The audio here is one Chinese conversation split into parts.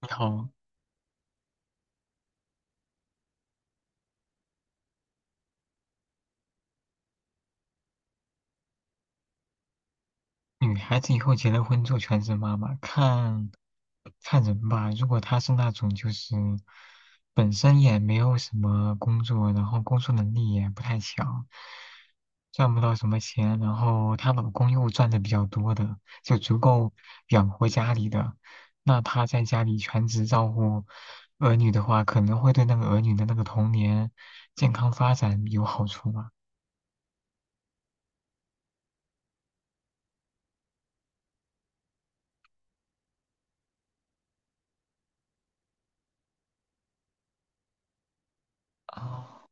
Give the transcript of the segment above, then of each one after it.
你好，女孩子以后结了婚做全职妈妈，看看人吧。如果她是那种就是本身也没有什么工作，然后工作能力也不太强，赚不到什么钱，然后她老公又赚的比较多的，就足够养活家里的，那她在家里全职照顾儿女的话，可能会对那个儿女的那个童年健康发展有好处吗？哦，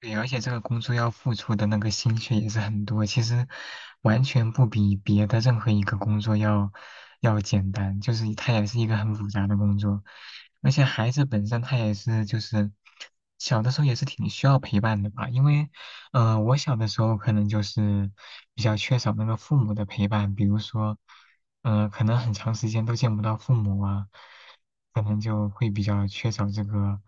对，而且这个工作要付出的那个心血也是很多，其实完全不比别的任何一个工作要简单，就是它也是一个很复杂的工作，而且孩子本身他也是就是小的时候也是挺需要陪伴的吧，因为我小的时候可能就是比较缺少那个父母的陪伴，比如说可能很长时间都见不到父母啊，可能就会比较缺少这个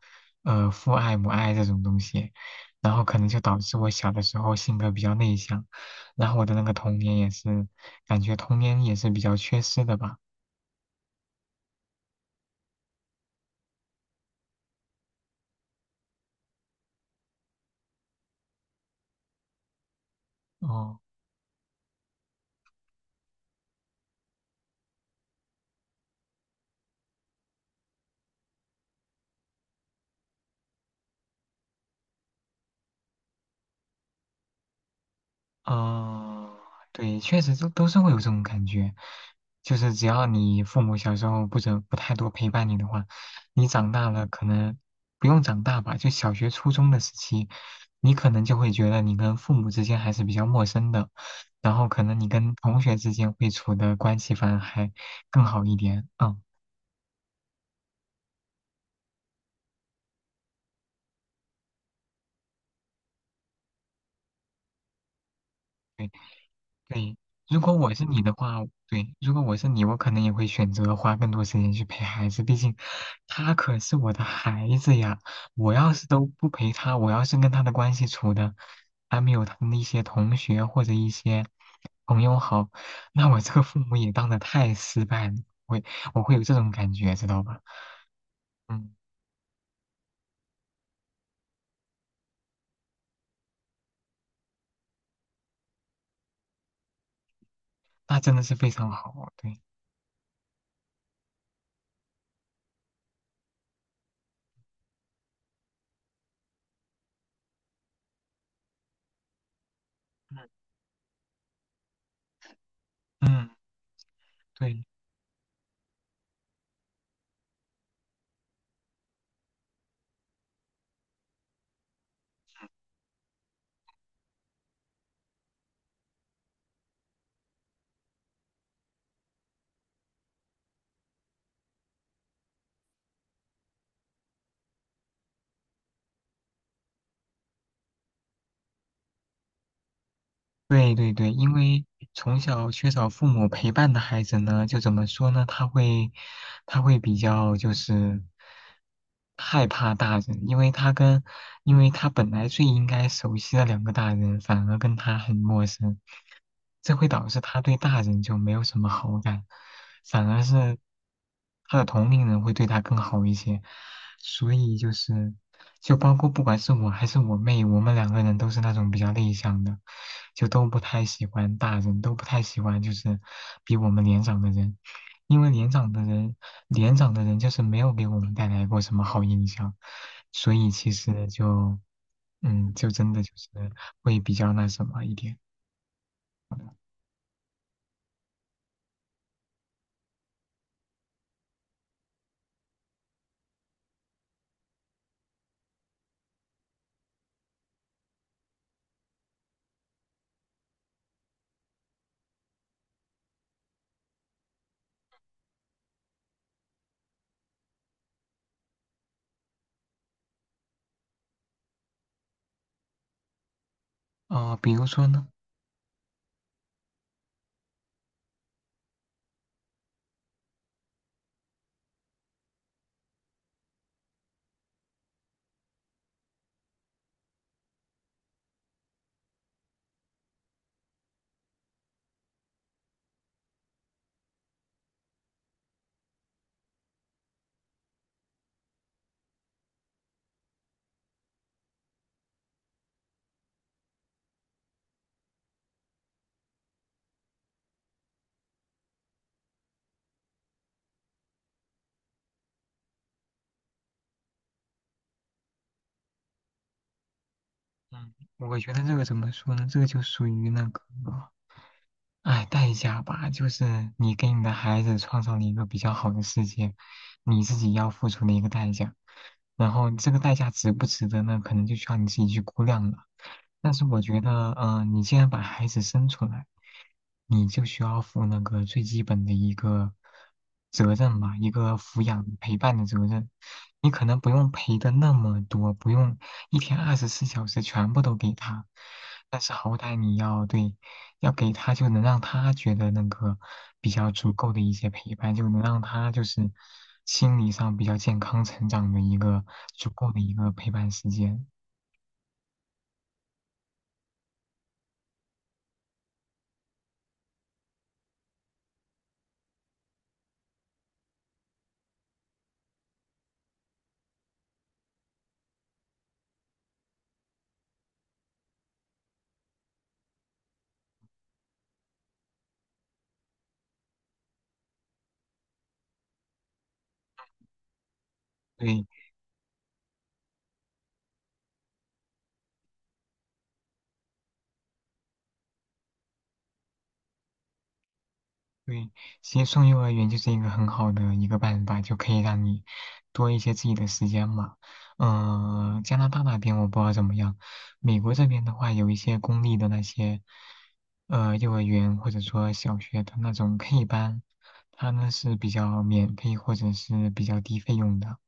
父爱母爱这种东西。然后可能就导致我小的时候性格比较内向，然后我的那个童年也是，感觉童年也是比较缺失的吧。哦，哦，对，确实都是会有这种感觉，就是只要你父母小时候不太多陪伴你的话，你长大了可能不用长大吧，就小学初中的时期，你可能就会觉得你跟父母之间还是比较陌生的，然后可能你跟同学之间会处的关系反而还更好一点，嗯。对，如果我是你的话，对，如果我是你，我可能也会选择花更多时间去陪孩子，毕竟他可是我的孩子呀。我要是都不陪他，我要是跟他的关系处的还没有他的一些同学或者一些朋友好，那我这个父母也当的太失败了，会我会有这种感觉，知道吧？嗯，那真的是非常好，对，嗯嗯，对。对对对，因为从小缺少父母陪伴的孩子呢，就怎么说呢？他会，他会比较就是害怕大人，因为他跟，因为他本来最应该熟悉的两个大人，反而跟他很陌生，这会导致他对大人就没有什么好感，反而是他的同龄人会对他更好一些，所以就是。就包括不管是我还是我妹，我们两个人都是那种比较内向的，就都不太喜欢大人，都不太喜欢就是比我们年长的人，因为年长的人，年长的人就是没有给我们带来过什么好印象，所以其实就嗯，就真的就是会比较那什么一点。哦、比如说呢，嗯，我觉得这个怎么说呢？这个就属于那个。哎，代价吧，就是你给你的孩子创造了一个比较好的世界，你自己要付出的一个代价。然后这个代价值不值得呢？可能就需要你自己去估量了。但是我觉得，你既然把孩子生出来，你就需要负那个最基本的一个责任吧，一个抚养陪伴的责任。你可能不用陪的那么多，不用一天24小时全部都给他，但是好歹你要对。要给他就能让他觉得那个比较足够的一些陪伴，就能让他就是心理上比较健康成长的一个足够的一个陪伴时间。对，对，其实送幼儿园就是一个很好的一个办法，就可以让你多一些自己的时间嘛。嗯、加拿大那边我不知道怎么样，美国这边的话，有一些公立的那些幼儿园或者说小学的那种 K 班，它呢是比较免费或者是比较低费用的。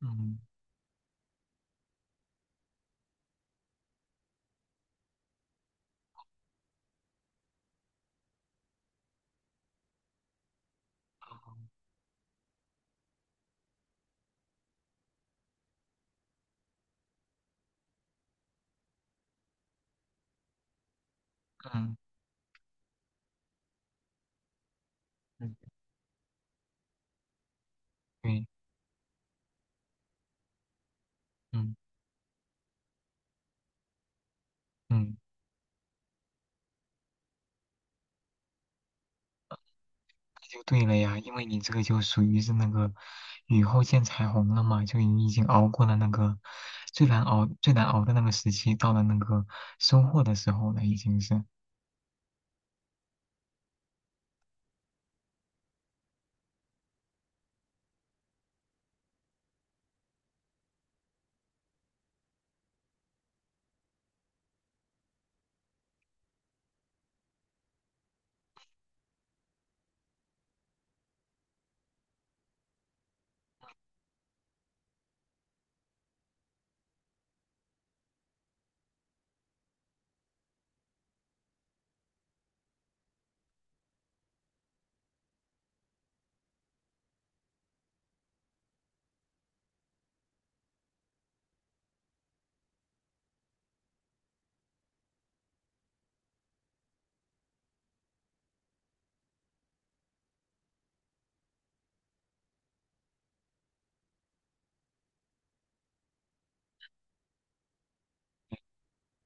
嗯，嗯嗯，对，嗯嗯。就对了呀，因为你这个就属于是那个雨后见彩虹了嘛，就你已经熬过了那个最难熬、最难熬的那个时期，到了那个收获的时候了，已经是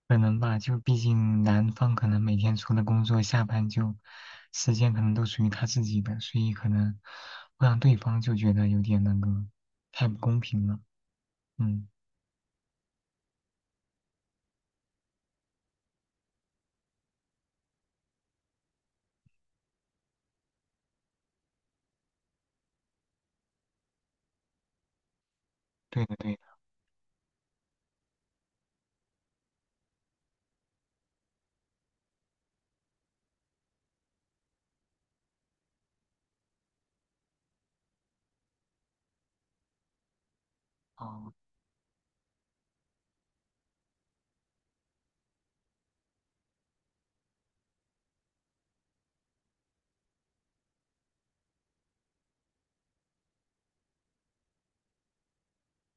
可能吧，就毕竟男方可能每天除了工作，下班就时间可能都属于他自己的，所以可能会让对方就觉得有点那个太不公平了。嗯，对的对的，哦，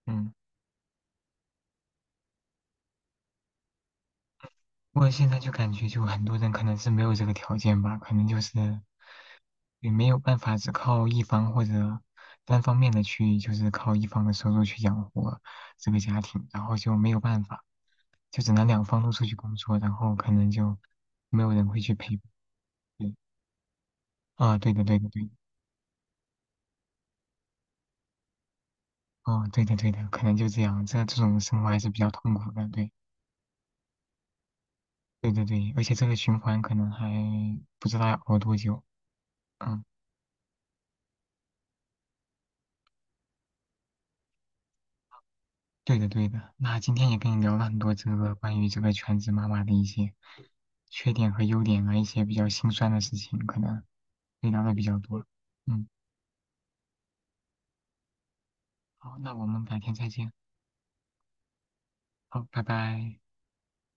嗯。不过现在就感觉，就很多人可能是没有这个条件吧，可能就是也没有办法只靠一方或者单方面的去，就是靠一方的收入去养活这个家庭，然后就没有办法，就只能两方都出去工作，然后可能就没有人会去陪伴。对，啊，对的，对的，对的，哦，对的，对的，可能就这样，这种生活还是比较痛苦的，对，对对对，而且这个循环可能还不知道要熬多久，嗯。对的，对的。那今天也跟你聊了很多这个关于这个全职妈妈的一些缺点和优点啊，一些比较心酸的事情，可能也聊的比较多。嗯，好，那我们改天再见。好，拜拜。